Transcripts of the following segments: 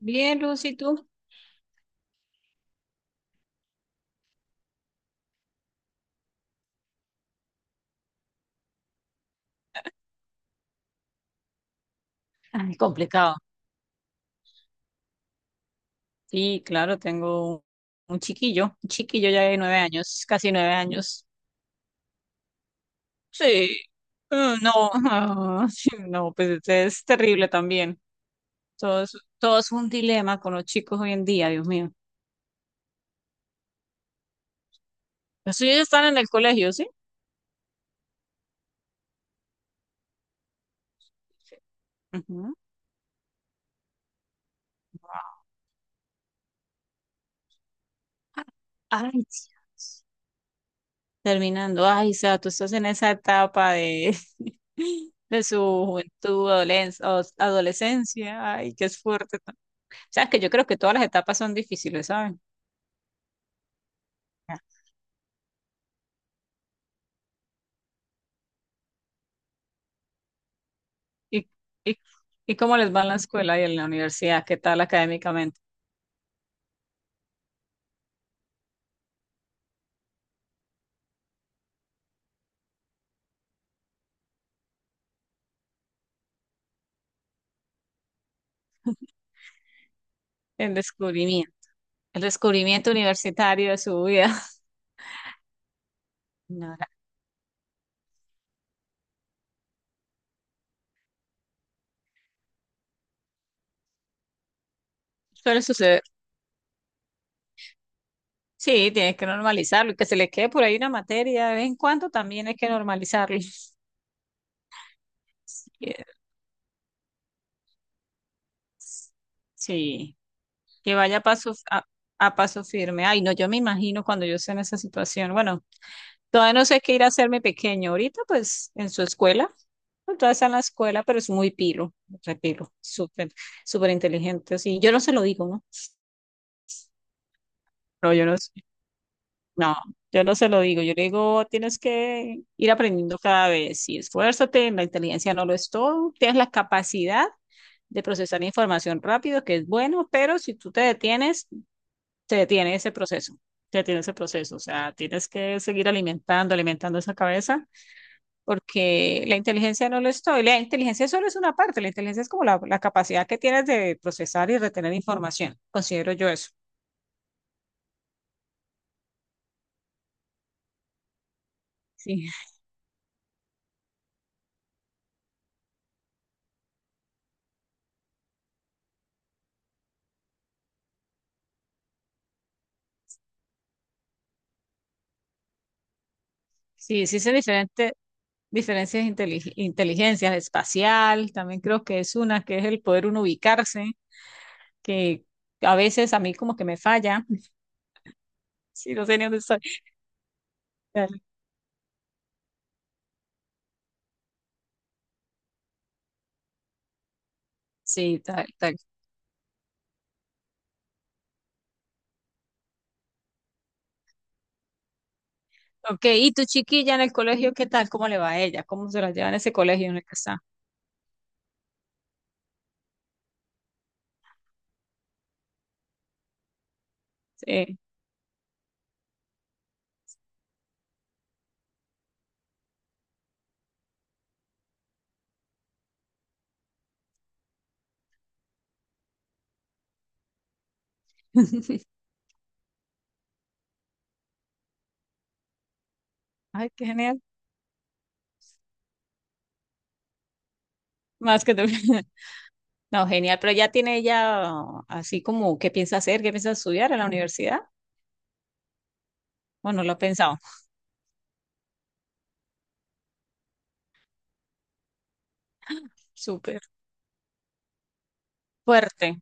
Bien, Lucy, ¿tú? Ay, complicado. Sí, claro, tengo un chiquillo ya de 9 años, casi 9 años. Sí, ah, no, ah, sí, no, pues este es terrible también. Todo es un dilema con los chicos hoy en día, Dios mío. Los suyos están en el colegio, ¿sí? Ujú. Ay, Dios. Terminando, ay, o sea, tú estás en esa etapa de, de su juventud, adolescencia, adolescencia, ay, qué es fuerte. Sabes que yo creo que todas las etapas son difíciles, ¿saben? Ah, ¿Y, y, y cómo les va en la escuela y en la universidad? ¿Qué tal académicamente? El descubrimiento, el descubrimiento universitario de su vida. No, suele suceder. Sí, tienes que normalizarlo y que se le quede por ahí una materia de vez en cuando también hay que normalizarlo. Sí, sí, que vaya a paso, a paso firme. Ay, no, yo me imagino cuando yo esté en esa situación. Bueno, todavía no sé qué ir a hacerme pequeño. Ahorita, pues, en su escuela. Pues, todavía está en la escuela, pero es muy pilo, repilo, súper, súper inteligente. Así, yo no se lo digo, ¿no? No, yo no, no, yo no se lo digo. Yo le digo, tienes que ir aprendiendo cada vez y esfuérzate. La inteligencia no lo es todo. Tienes la capacidad de procesar información rápido, que es bueno, pero si tú te detienes, te detiene ese proceso. Te detiene ese proceso. O sea, tienes que seguir alimentando, alimentando esa cabeza porque la inteligencia no lo es todo. Y la inteligencia solo es una parte, la inteligencia es como la capacidad que tienes de procesar y retener información, considero yo eso. Sí, sí, sí, son diferentes diferencias de inteligencia espacial, también creo que es una, que es el poder uno ubicarse, que a veces a mí como que me falla, sí, no sé ni dónde estoy. Tal. Sí, tal, tal. Ok, ¿y tu chiquilla en el colegio, qué tal? ¿Cómo le va a ella? ¿Cómo se la lleva en ese colegio en el que está? Sí. Ay, qué genial. Más que tú. No, genial, pero ya tiene ella así como qué piensa hacer, qué piensa estudiar en la universidad. Bueno, lo ha pensado. Súper fuerte.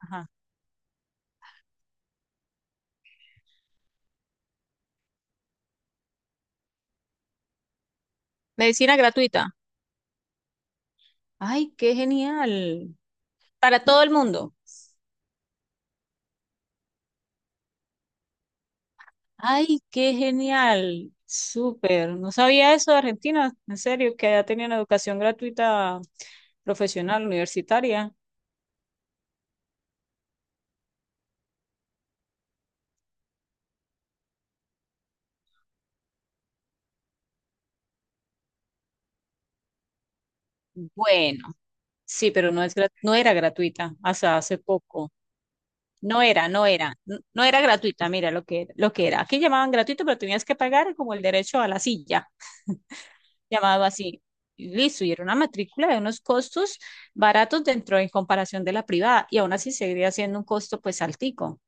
Ajá. Medicina gratuita. Ay, qué genial. Para todo el mundo. Ay, qué genial. Súper. No sabía eso de Argentina, en serio, que ya tenían educación gratuita profesional, universitaria. Bueno, sí, pero no es, no era gratuita hasta hace poco. No era, no era, no era gratuita, mira lo que era. Aquí llamaban gratuito, pero tenías que pagar como el derecho a la silla, llamado así. Y listo, y era una matrícula de unos costos baratos dentro en comparación de la privada, y aún así seguiría siendo un costo pues altico,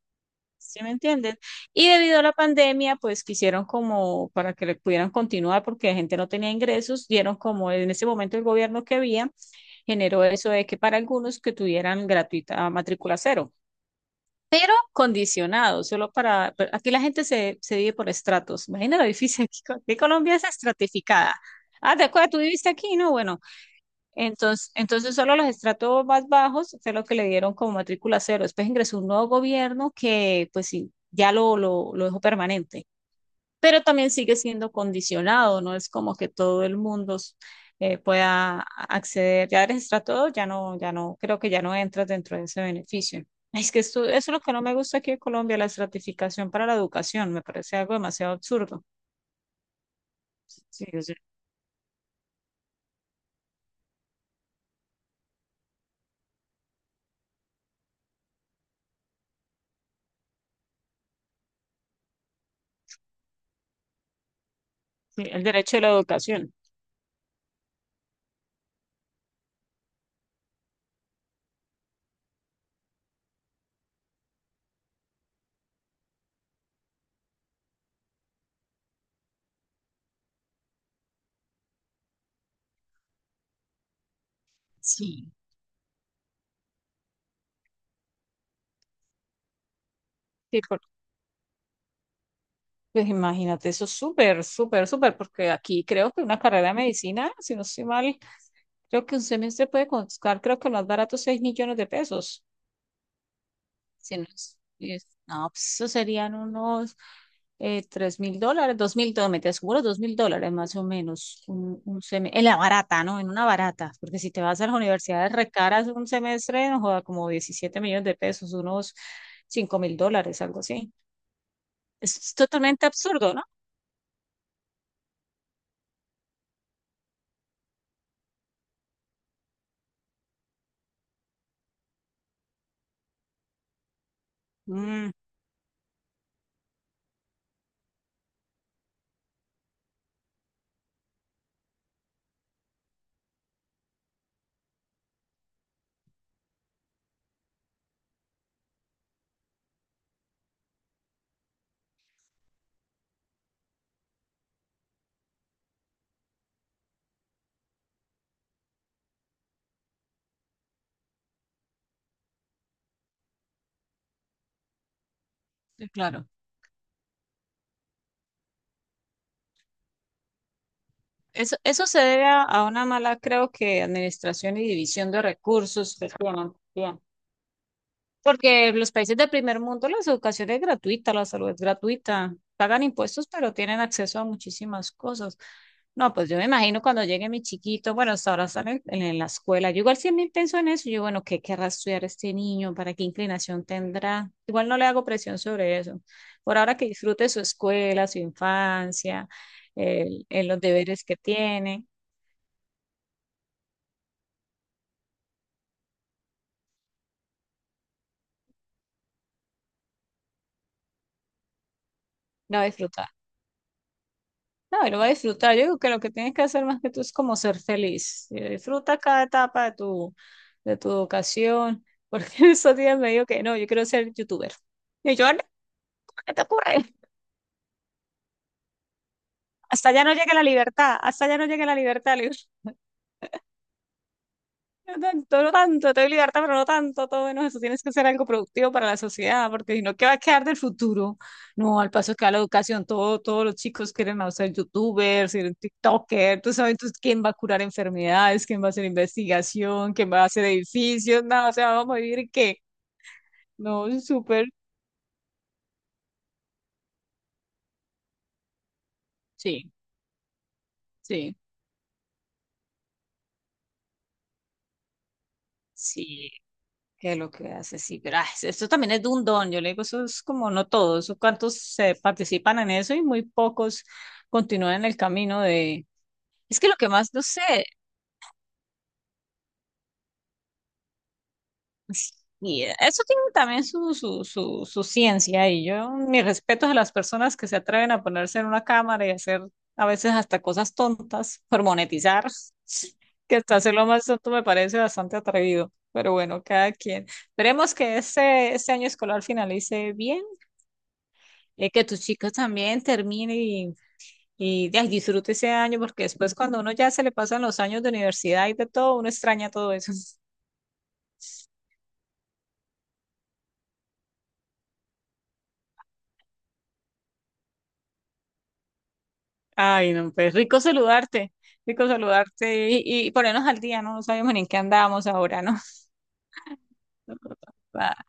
¿sí me entienden? Y debido a la pandemia, pues quisieron como para que le pudieran continuar porque la gente no tenía ingresos, dieron como en ese momento el gobierno que había, generó eso de que para algunos que tuvieran gratuita matrícula cero condicionado, solo para... Pero aquí la gente se vive por estratos. Imagina lo difícil aquí. Aquí Colombia es estratificada. Ah, ¿te acuerdas? Tú viviste aquí, ¿no? Bueno, entonces, entonces solo los estratos más bajos fue lo que le dieron como matrícula cero. Después ingresó un nuevo gobierno que, pues sí, ya lo dejó permanente pero también sigue siendo condicionado, no es como que todo el mundo pueda acceder. Ya registra todo, ya no, creo que ya no entras dentro de ese beneficio. Ay, es que esto, eso es lo que no me gusta aquí en Colombia, la estratificación para la educación, me parece algo demasiado absurdo. Sí, o sea, sí, el derecho de la educación. Sí. Sí, pues imagínate, eso es súper, súper, súper, porque aquí creo que una carrera de medicina, si no estoy mal, creo que un semestre puede costar, creo que lo más barato, 6 millones de pesos. Si no, pues eso serían unos $3.000, $2.000, te aseguro 2 mil dólares más o menos. Un en la barata, ¿no? En una barata, porque si te vas a las universidades recaras un semestre, no joda, como 17 millones de pesos, unos $5.000, algo así. Es totalmente absurdo, ¿no? Mm, sí, claro. Eso se debe a una mala, creo que, administración y división de recursos que tienen. Porque los países del primer mundo la educación es gratuita, la salud es gratuita, pagan impuestos, pero tienen acceso a muchísimas cosas. No, pues yo me imagino cuando llegue mi chiquito, bueno, hasta ahora están en, en la escuela. Yo igual siempre pienso en eso, yo, bueno, ¿qué querrá estudiar este niño? ¿Para qué inclinación tendrá? Igual no le hago presión sobre eso. Por ahora que disfrute su escuela, su infancia, los deberes que tiene, no disfruta. No, y lo va a disfrutar. Yo creo que lo que tienes que hacer más que tú es como ser feliz. Disfruta cada etapa de tu educación, porque esos días me dijo que no, yo quiero ser youtuber. Y yo, "Ah, no, ¿qué te ocurre? Hasta allá no llega la libertad, hasta allá no llega la libertad. Le digo, no tanto, no tanto, te voy a obligarte, pero no tanto, todo menos eso. Tienes que hacer algo productivo para la sociedad, porque si no, ¿qué va a quedar del futuro? No, al paso que va la educación, todo, todos los chicos quieren o ser youtubers, ser tiktokers, tú sabes, entonces, ¿quién va a curar enfermedades? ¿Quién va a hacer investigación? ¿Quién va a hacer edificios? No, o sea, vamos a vivir, ¿qué? No, súper, sí, sí, sí. Que lo que hace, sí, pero ah, esto también es de un don, yo le digo, eso es como no todos, eso cuántos se participan en eso y muy pocos continúan en el camino de, es que lo que más, no sé, y eso tiene también su, ciencia y yo, mis respetos a las personas que se atreven a ponerse en una cámara y hacer a veces hasta cosas tontas por monetizar, que hasta hacer lo más tonto me parece bastante atrevido, pero bueno, cada quien. Esperemos que este año escolar finalice bien que tus chicos también terminen y de ahí disfrute ese año, porque después cuando uno ya se le pasan los años de universidad y de todo, uno extraña todo eso. Ay, no, pues rico saludarte y ponernos al día, ¿no? No sabemos ni en qué andamos ahora, ¿no? Va-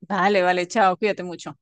Vale, vale, chao, cuídate mucho.